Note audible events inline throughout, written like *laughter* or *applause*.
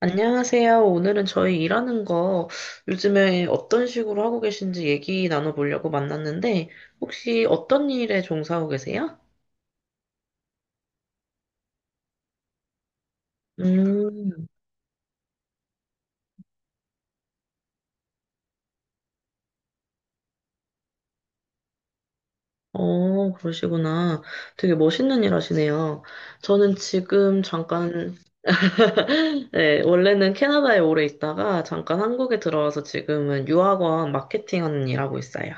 안녕하세요. 오늘은 저희 일하는 거 요즘에 어떤 식으로 하고 계신지 얘기 나눠보려고 만났는데, 혹시 어떤 일에 종사하고 계세요? 음, 어, 그러시구나. 되게 멋있는 일 하시네요. 저는 지금 잠깐, *laughs* 네, 원래는 캐나다에 오래 있다가 잠깐 한국에 들어와서 지금은 유학원 마케팅 하는 일 하고 있어요.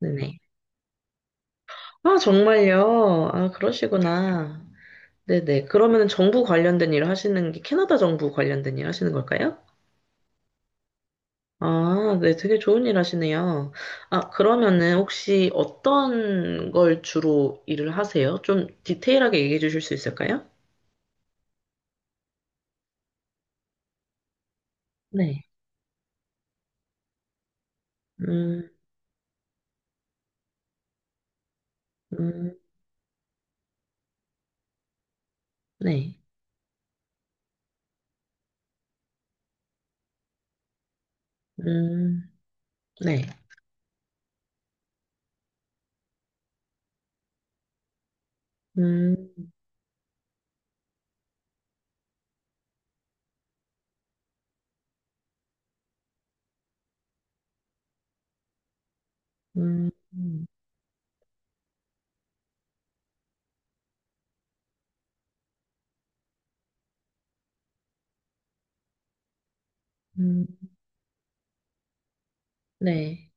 네네. 아, 정말요? 아, 그러시구나. 네네. 그러면은 정부 관련된 일 하시는 게 캐나다 정부 관련된 일 하시는 걸까요? 아, 네. 되게 좋은 일 하시네요. 아, 그러면은 혹시 어떤 걸 주로 일을 하세요? 좀 디테일하게 얘기해 주실 수 있을까요? 네. 음, 음, 네. 음, 네. 음, 음, 음, 음, 네.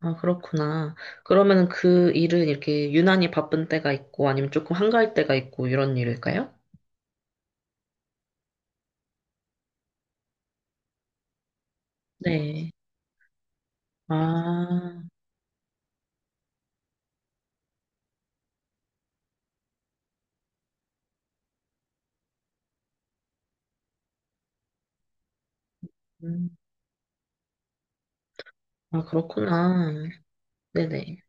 아, 그렇구나. 그러면은 그 일은 이렇게 유난히 바쁜 때가 있고 아니면 조금 한가할 때가 있고 이런 일일까요? 네. 아, 음, 아, 그렇구나. 네네.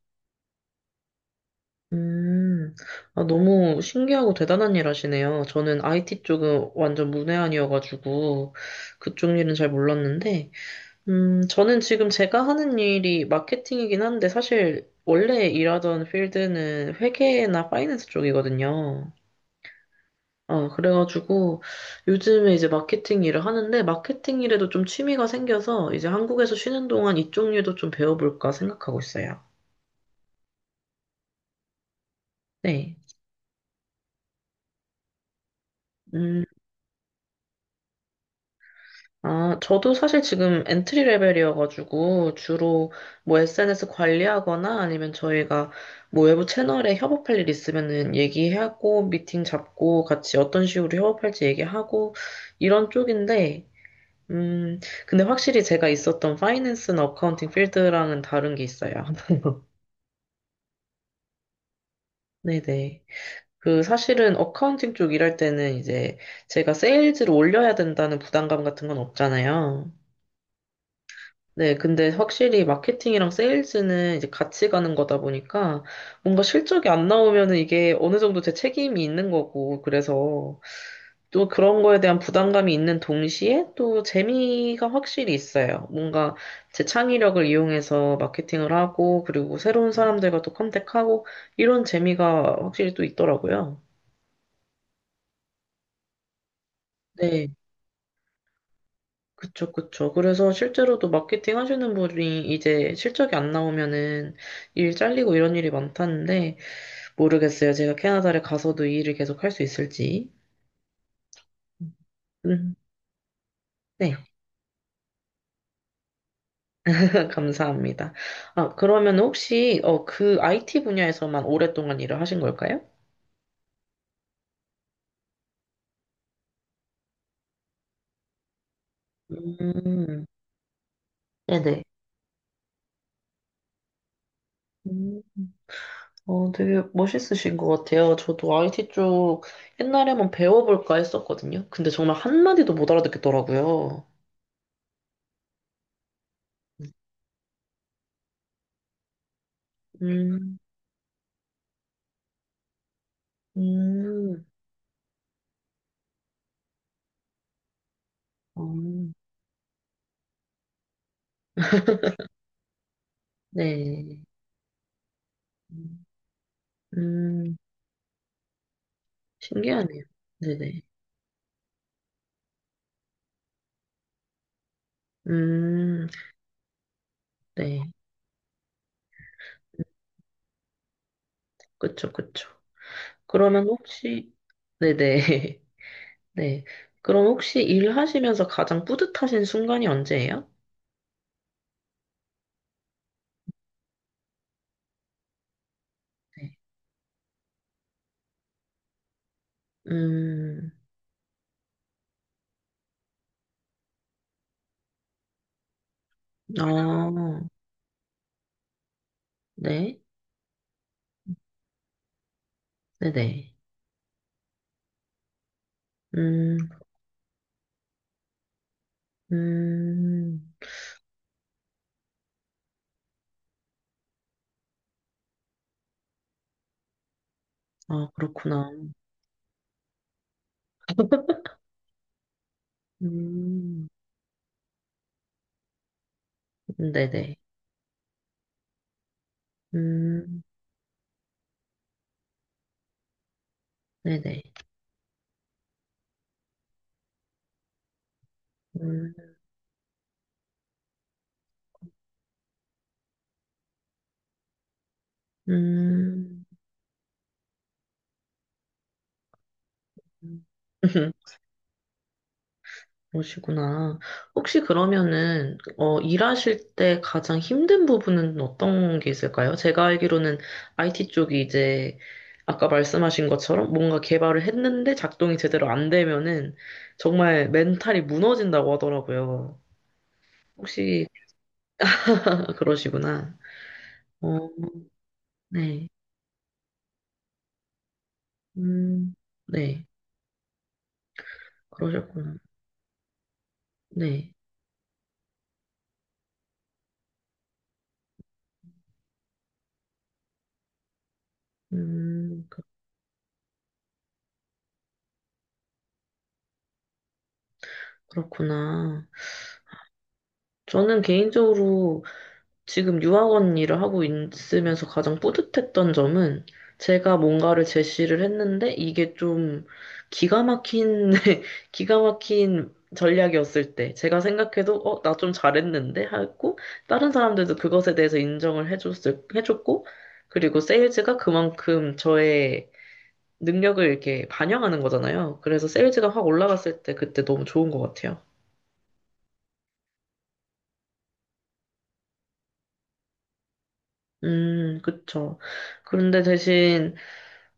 음, 아, 너무 신기하고 대단한 일 하시네요. 저는 IT 쪽은 완전 문외한이어가지고 그쪽 일은 잘 몰랐는데, 저는 지금 제가 하는 일이 마케팅이긴 한데 사실 원래 일하던 필드는 회계나 파이낸스 쪽이거든요. 어, 그래가지고 요즘에 이제 마케팅 일을 하는데 마케팅 일에도 좀 취미가 생겨서 이제 한국에서 쉬는 동안 이쪽 일도 좀 배워볼까 생각하고 있어요. 네. 음. 아, 저도 사실 지금 엔트리 레벨이어가지고 주로 뭐 SNS 관리하거나 아니면 저희가 뭐 외부 채널에 협업할 일 있으면은 얘기하고 미팅 잡고 같이 어떤 식으로 협업할지 얘기하고 이런 쪽인데, 음, 근데 확실히 제가 있었던 파이낸스나 어카운팅 필드랑은 다른 게 있어요. *laughs* 네네. 그 사실은 어카운팅 쪽 일할 때는 이제 제가 세일즈를 올려야 된다는 부담감 같은 건 없잖아요. 네, 근데 확실히 마케팅이랑 세일즈는 이제 같이 가는 거다 보니까 뭔가 실적이 안 나오면은 이게 어느 정도 제 책임이 있는 거고, 그래서 또 그런 거에 대한 부담감이 있는 동시에 또 재미가 확실히 있어요. 뭔가 제 창의력을 이용해서 마케팅을 하고, 그리고 새로운 사람들과 또 컨택하고, 이런 재미가 확실히 또 있더라고요. 네, 그쵸, 그쵸. 그래서 실제로도 마케팅 하시는 분이 이제 실적이 안 나오면은 일 잘리고 이런 일이 많다는데, 모르겠어요. 제가 캐나다를 가서도 이 일을 계속 할 수 있을지. 음, 네, *laughs* 감사합니다. 아, 그러면 혹시 어, 그 IT 분야에서만 오랫동안 일을 하신 걸까요? 음, 네네. 음, 어, 되게 멋있으신 것 같아요. 저도 IT 쪽 옛날에 한번 배워볼까 했었거든요. 근데 정말 한마디도 못 알아듣겠더라고요. 음, 음, 어, 네. 음, 음, 신기하네요. 네네. 음, 네. 그쵸, 그쵸. 그러면 혹시, 네네, *laughs* 네. 그럼 혹시 일하시면서 가장 뿌듯하신 순간이 언제예요? 네. 음, 아, 네, 네네. 음, 음, 아, 그렇구나. 음, 네네. 음, 네네. 음, 음. *laughs* 그러시구나. 혹시 그러면은, 어, 일하실 때 가장 힘든 부분은 어떤 게 있을까요? 제가 알기로는 IT 쪽이 이제, 아까 말씀하신 것처럼 뭔가 개발을 했는데 작동이 제대로 안 되면은 정말 멘탈이 무너진다고 하더라고요. 혹시 *laughs* 그러시구나. 어, 네. 음, 네. 그러셨구나. 네. 음, 그- 그렇구나. 저는 개인적으로 지금 유학원 일을 하고 있으면서 가장 뿌듯했던 점은 제가 뭔가를 제시를 했는데 이게 좀 기가 막힌, *laughs* 기가 막힌 전략이었을 때 제가 생각해도 어, 나 좀 잘했는데 하고 다른 사람들도 그것에 대해서 인정을 해줬을, 해줬고 그리고 세일즈가 그만큼 저의 능력을 이렇게 반영하는 거잖아요. 그래서 세일즈가 확 올라갔을 때 그때 너무 좋은 것 같아요. 그쵸. 그런데 대신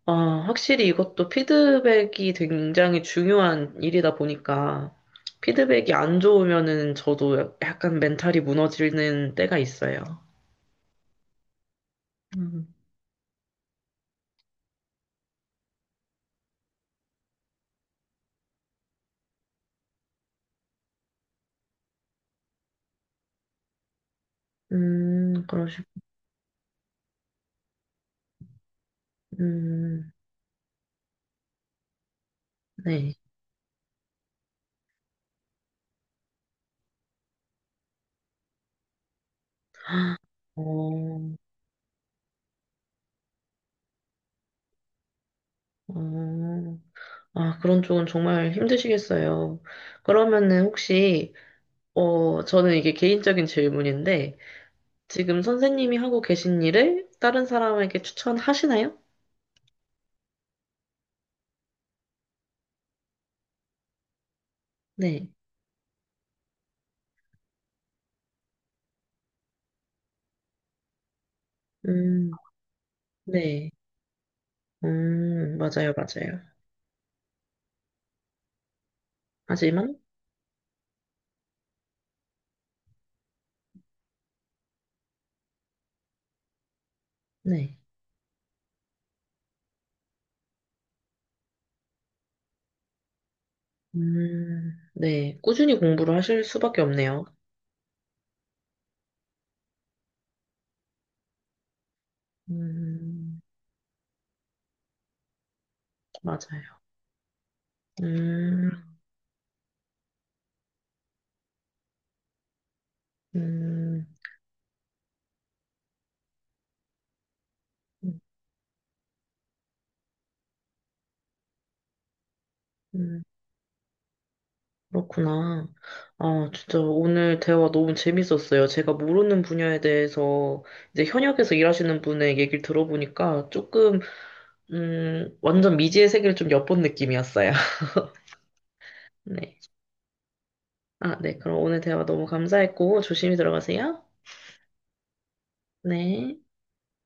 아, 확실히 이것도 피드백이 굉장히 중요한 일이다 보니까 피드백이 안 좋으면은 저도 약간 멘탈이 무너지는 때가 있어요. 음, 그러시, 음, 네. 어, 어, 아, 그런 쪽은 정말 힘드시겠어요. 그러면은 혹시, 어, 저는 이게 개인적인 질문인데, 지금 선생님이 하고 계신 일을 다른 사람에게 추천하시나요? 네. 음, 네. 맞아요, 맞아요. 하지만, 네. 네. 꾸준히 공부를 하실 수밖에 없네요. 음, 맞아요. 음, 음, 음, 음, 그렇구나. 아, 진짜 오늘 대화 너무 재밌었어요. 제가 모르는 분야에 대해서 이제 현역에서 일하시는 분의 얘기를 들어보니까 조금, 완전 미지의 세계를 좀 엿본 느낌이었어요. *laughs* 네. 아, 네. 그럼 오늘 대화 너무 감사했고, 조심히 들어가세요. 네.